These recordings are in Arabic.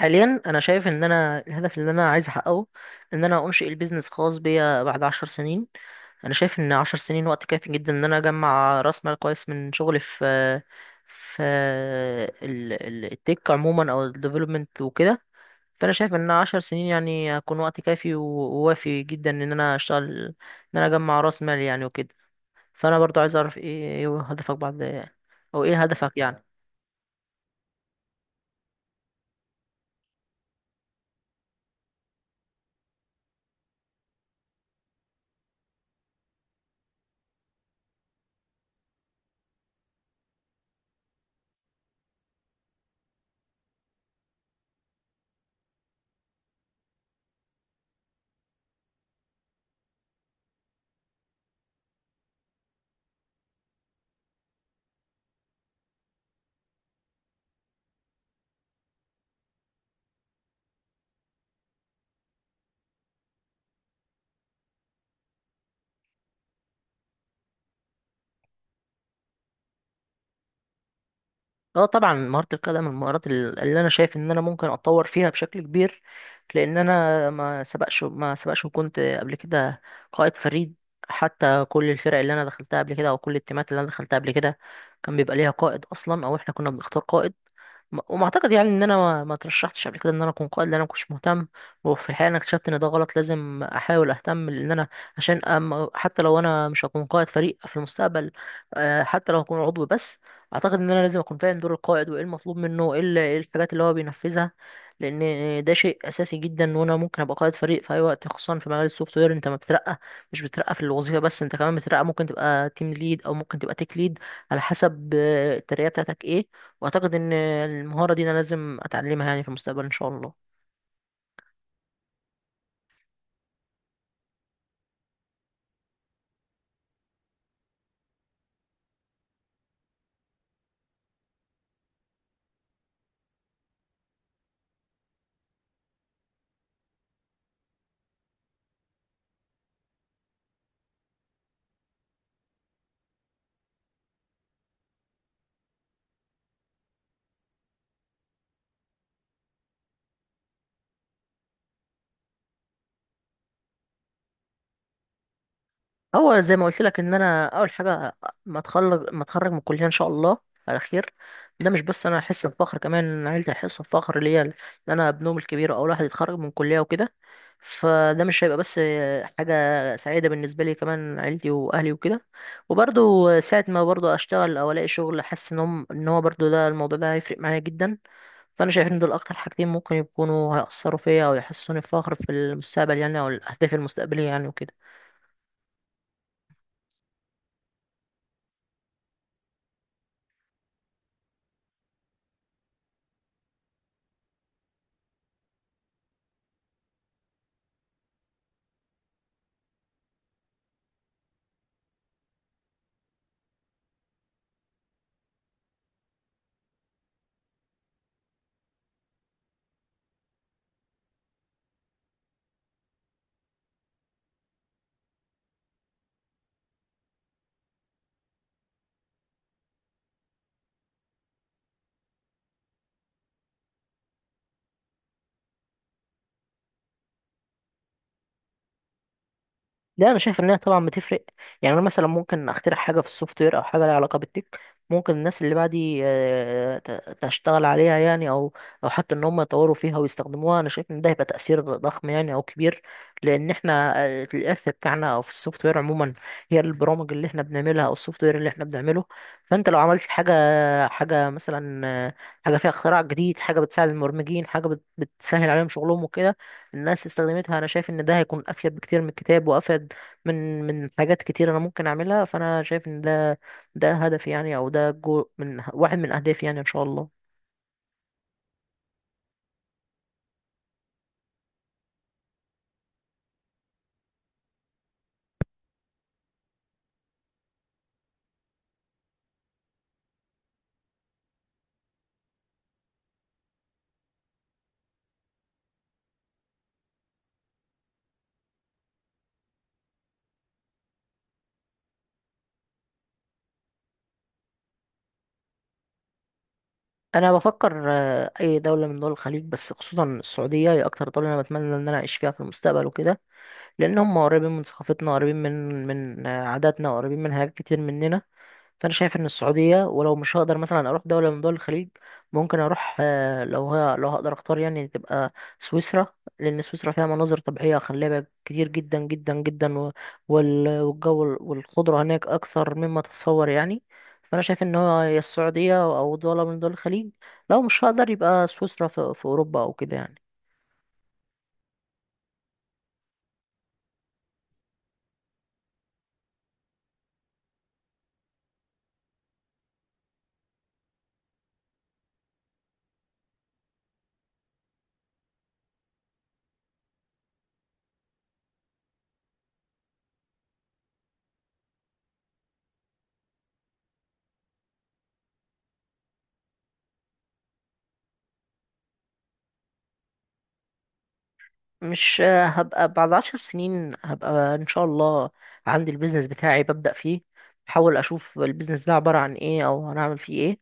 حاليا انا شايف ان انا الهدف اللي انا عايز احققه ان انا انشئ البيزنس خاص بيا بعد 10 سنين. انا شايف ان 10 سنين وقت كافي جدا ان انا اجمع راس مال كويس من شغلي في التك عموما او الديفلوبمنت وكده. فانا شايف ان 10 سنين يعني هيكون وقت كافي و- ووافي جدا ان انا اشتغل ان انا اجمع راس مال يعني وكده. فانا برضو عايز اعرف إيه هدفك بعد، او ايه هدفك يعني؟ اه طبعا مهارة القيادة من المهارات اللي انا شايف ان انا ممكن اتطور فيها بشكل كبير. لان انا ما سبقش وكنت قبل كده قائد فريد. حتى كل الفرق اللي انا دخلتها قبل كده او كل التيمات اللي انا دخلتها قبل كده كان بيبقى ليها قائد اصلا، او احنا كنا بنختار قائد. وما اعتقد يعني ان انا ما ترشحتش قبل كده ان انا اكون قائد لان انا ما كنتش مهتم. وفي الحقيقه انا اكتشفت ان ده غلط، لازم احاول اهتم لان انا عشان حتى لو انا مش هكون قائد فريق في المستقبل، حتى لو هكون عضو بس، اعتقد ان انا لازم اكون فاهم دور القائد وايه المطلوب منه، ايه إيه الحاجات اللي هو بينفذها. لان ده شيء اساسي جدا، وانا ممكن ابقى قائد فريق في اي وقت. خصوصا في مجال السوفت وير، انت ما بترقى مش بترقى في الوظيفه بس، انت كمان بترقى. ممكن تبقى تيم ليد او ممكن تبقى تيك ليد على حسب الترقيه بتاعتك ايه. واعتقد ان المهاره دي انا لازم اتعلمها يعني في المستقبل ان شاء الله. هو زي ما قلت لك، ان انا اول حاجه ما اتخرج من الكليه ان شاء الله على خير، ده مش بس انا احس بفخر، كمان إن عيلتي هيحسوا بفخر ليا ان انا ابنهم الكبير اول واحد يتخرج من الكليه وكده. فده مش هيبقى بس حاجه سعيده بالنسبه لي، كمان عيلتي واهلي وكده. وبرضه ساعه ما برضه اشتغل او الاقي شغل، حاسس ان هم ان هو برضه ده، الموضوع ده هيفرق معايا جدا. فانا شايف ان دول اكتر حاجتين ممكن يكونوا هيأثروا فيا او يحسسوني بفخر في المستقبل يعني، او الاهداف المستقبليه يعني وكده. لا انا شايف انها طبعا بتفرق. يعني انا مثلا ممكن اخترع حاجه في السوفت وير او حاجه لها علاقه بالتك، ممكن الناس اللي بعدي تشتغل عليها يعني، او او حتى ان هم يطوروا فيها ويستخدموها. انا شايف ان ده هيبقى تاثير ضخم يعني او كبير، لان احنا الارث بتاعنا او في السوفت وير عموما هي البرامج اللي احنا بنعملها او السوفت وير اللي احنا بنعمله. فانت لو عملت حاجه مثلا حاجه فيها اختراع جديد، حاجه بتساعد المبرمجين، حاجه بتسهل عليهم شغلهم وكده، الناس استخدمتها، انا شايف ان ده هيكون افيد بكتير من الكتاب وافيد من حاجات كتير انا ممكن اعملها. فانا شايف ان ده هدف يعني، او ده جو من واحد من اهدافي يعني ان شاء الله. انا بفكر اي دوله من دول الخليج، بس خصوصا السعوديه هي اكتر دوله انا بتمنى ان انا اعيش فيها في المستقبل وكده. لان هم قريبين من ثقافتنا، قريبين من من عاداتنا، قريبين من حاجات كتير مننا. فانا شايف ان السعوديه، ولو مش هقدر مثلا اروح دوله من دول الخليج، ممكن اروح لو هي لو هقدر اختار يعني، تبقى سويسرا. لان سويسرا فيها مناظر طبيعيه خلابه كتير جدا جدا جدا، والجو والخضره هناك اكثر مما تتصور يعني. فانا شايف ان هو يا السعوديه او دوله من دول الخليج، لو مش هقدر يبقى سويسرا في اوروبا او كده يعني. مش هبقى بعد 10 سنين. هبقى ان شاء الله عندي البيزنس بتاعي، ببدأ فيه، بحاول اشوف البيزنس ده عبارة عن ايه او هنعمل فيه ايه.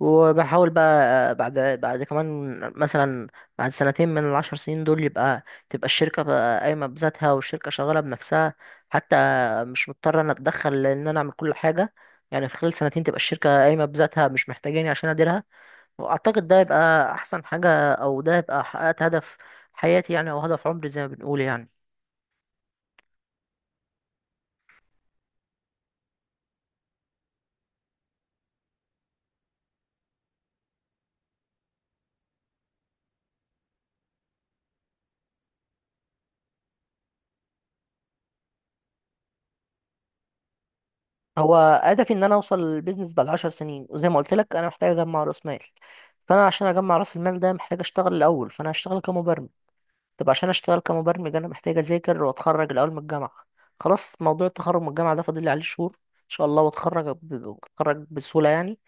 وبحاول بقى بعد كمان مثلا بعد سنتين من ال10 سنين دول، يبقى تبقى الشركة بقى قايمة بذاتها، والشركة شغالة بنفسها، حتى مش مضطر انا اتدخل ان انا اعمل كل حاجة. يعني في خلال سنتين تبقى الشركة قايمة بذاتها، مش محتاجاني عشان اديرها. واعتقد ده يبقى احسن حاجه، او ده يبقى حققت هدف حياتي يعني، او هدف عمري زي ما بنقول يعني. هو هدفي ان انا اوصل للبيزنس بعد 10 سنين، وزي ما قلت لك انا محتاج اجمع راس مال. فانا عشان اجمع راس المال ده محتاج اشتغل الاول، فانا هشتغل كمبرمج. طب عشان اشتغل كمبرمج انا محتاج اذاكر واتخرج الاول من الجامعه. خلاص موضوع التخرج من الجامعه ده فاضل لي عليه شهور ان شاء الله، واتخرج اتخرج بسهوله يعني.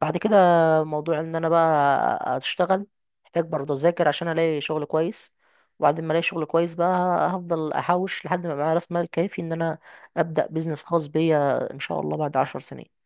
بعد كده موضوع ان انا بقى اشتغل، محتاج برضه اذاكر عشان الاقي شغل كويس. وبعد ما الاقي شغل كويس بقى، هفضل احوش لحد ما معايا راس مال كافي ان انا ابدا بيزنس خاص بيا ان شاء الله بعد 10 سنين.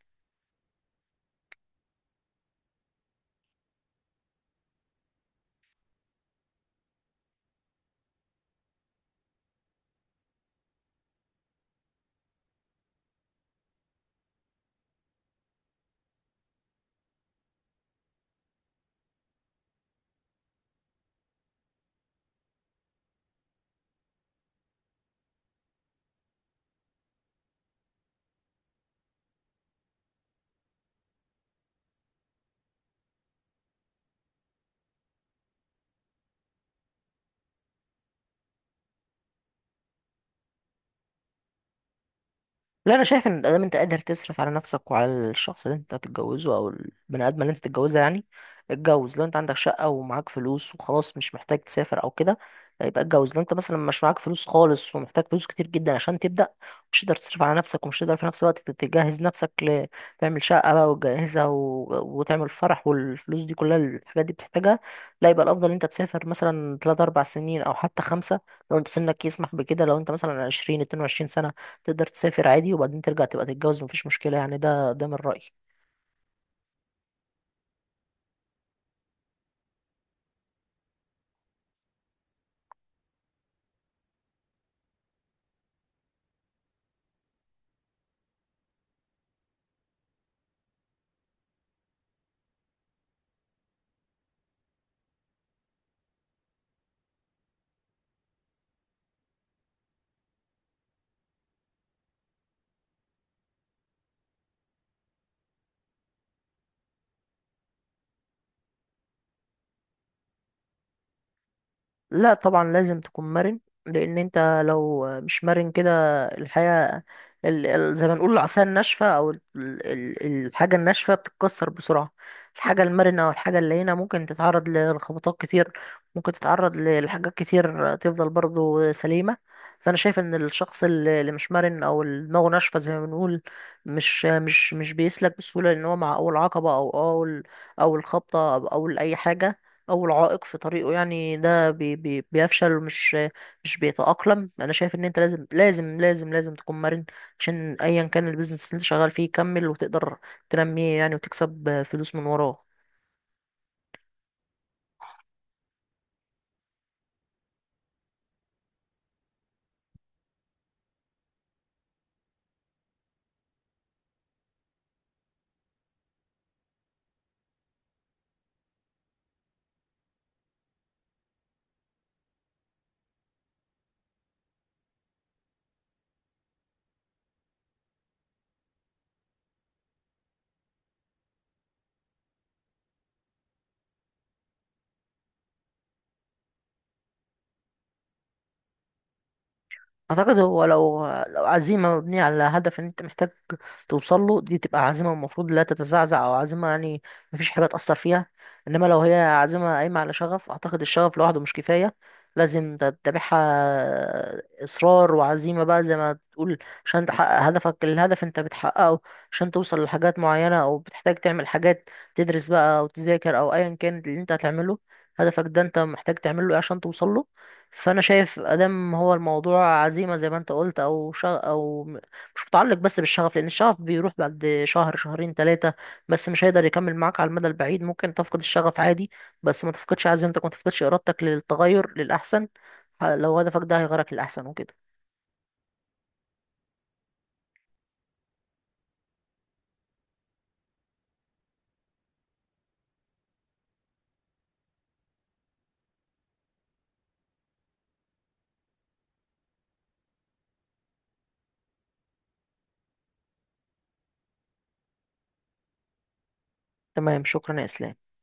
لا انا شايف ان دام انت قادر تصرف على نفسك وعلى الشخص اللي انت هتتجوزه او البني ادم اللي انت هتتجوزها يعني، اتجوز. لو انت عندك شقه ومعاك فلوس وخلاص، مش محتاج تسافر او كده، يبقى اتجوز. لو انت مثلا مش معاك فلوس خالص، ومحتاج فلوس كتير جدا عشان تبدا، مش تقدر تصرف على نفسك، ومش تقدر في نفس الوقت تجهز نفسك، تعمل شقه بقى وتجهزها، و... وتعمل فرح، والفلوس دي كلها، الحاجات دي بتحتاجها، لا يبقى الافضل ان انت تسافر مثلا 3 4 سنين او حتى 5. لو انت سنك يسمح بكده، لو انت مثلا 20 22 سنه، تقدر تسافر عادي وبعدين ترجع تبقى تتجوز، مفيش مشكلة يعني. ده من رأيي. لا طبعا لازم تكون مرن، لان انت لو مش مرن كده، الحياة زي ما نقول العصاية الناشفة او الحاجة الناشفة بتتكسر بسرعة. الحاجة المرنة او الحاجة اللينة ممكن تتعرض لخبطات كتير، ممكن تتعرض لحاجات كتير، تفضل برضو سليمة. فانا شايف ان الشخص اللي اللي مش مرن، او اللي دماغه ناشفة زي ما بنقول، مش بيسلك بسهولة، لان هو مع اول عقبة، او اول اول خبطة، او اول اي حاجة، أول عائق في طريقه يعني، ده بي بي بيفشل، ومش مش بيتأقلم. أنا شايف إن أنت لازم لازم لازم لازم تكون مرن، عشان أيا كان البيزنس اللي أنت شغال فيه يكمل، وتقدر تنميه يعني، وتكسب فلوس من وراه. اعتقد هو لو عزيمه مبنيه على هدف ان انت محتاج توصل له، دي تبقى عزيمه المفروض لا تتزعزع، او عزيمه يعني مفيش حاجه تاثر فيها. انما لو هي عزيمه قايمه على شغف، اعتقد الشغف لوحده مش كفايه، لازم تتبعها اصرار وعزيمه بقى زي ما تقول عشان تحقق هدفك. الهدف انت بتحققه عشان توصل لحاجات معينه، او بتحتاج تعمل حاجات، تدرس بقى او تذاكر او ايا كان اللي انت هتعمله، هدفك ده انت محتاج تعمله ايه عشان توصل له. فانا شايف ادم هو الموضوع عزيمه زي ما انت قلت، او شغ... او م- مش متعلق بس بالشغف، لان الشغف بيروح بعد شهر شهرين ثلاثه، بس مش هيقدر يكمل معاك على المدى البعيد. ممكن تفقد الشغف عادي، بس ما تفقدش عزيمتك، ما تفقدش ارادتك للتغير للاحسن، لو هدفك ده هيغيرك للاحسن وكده. تمام، شكرا يا اسلام.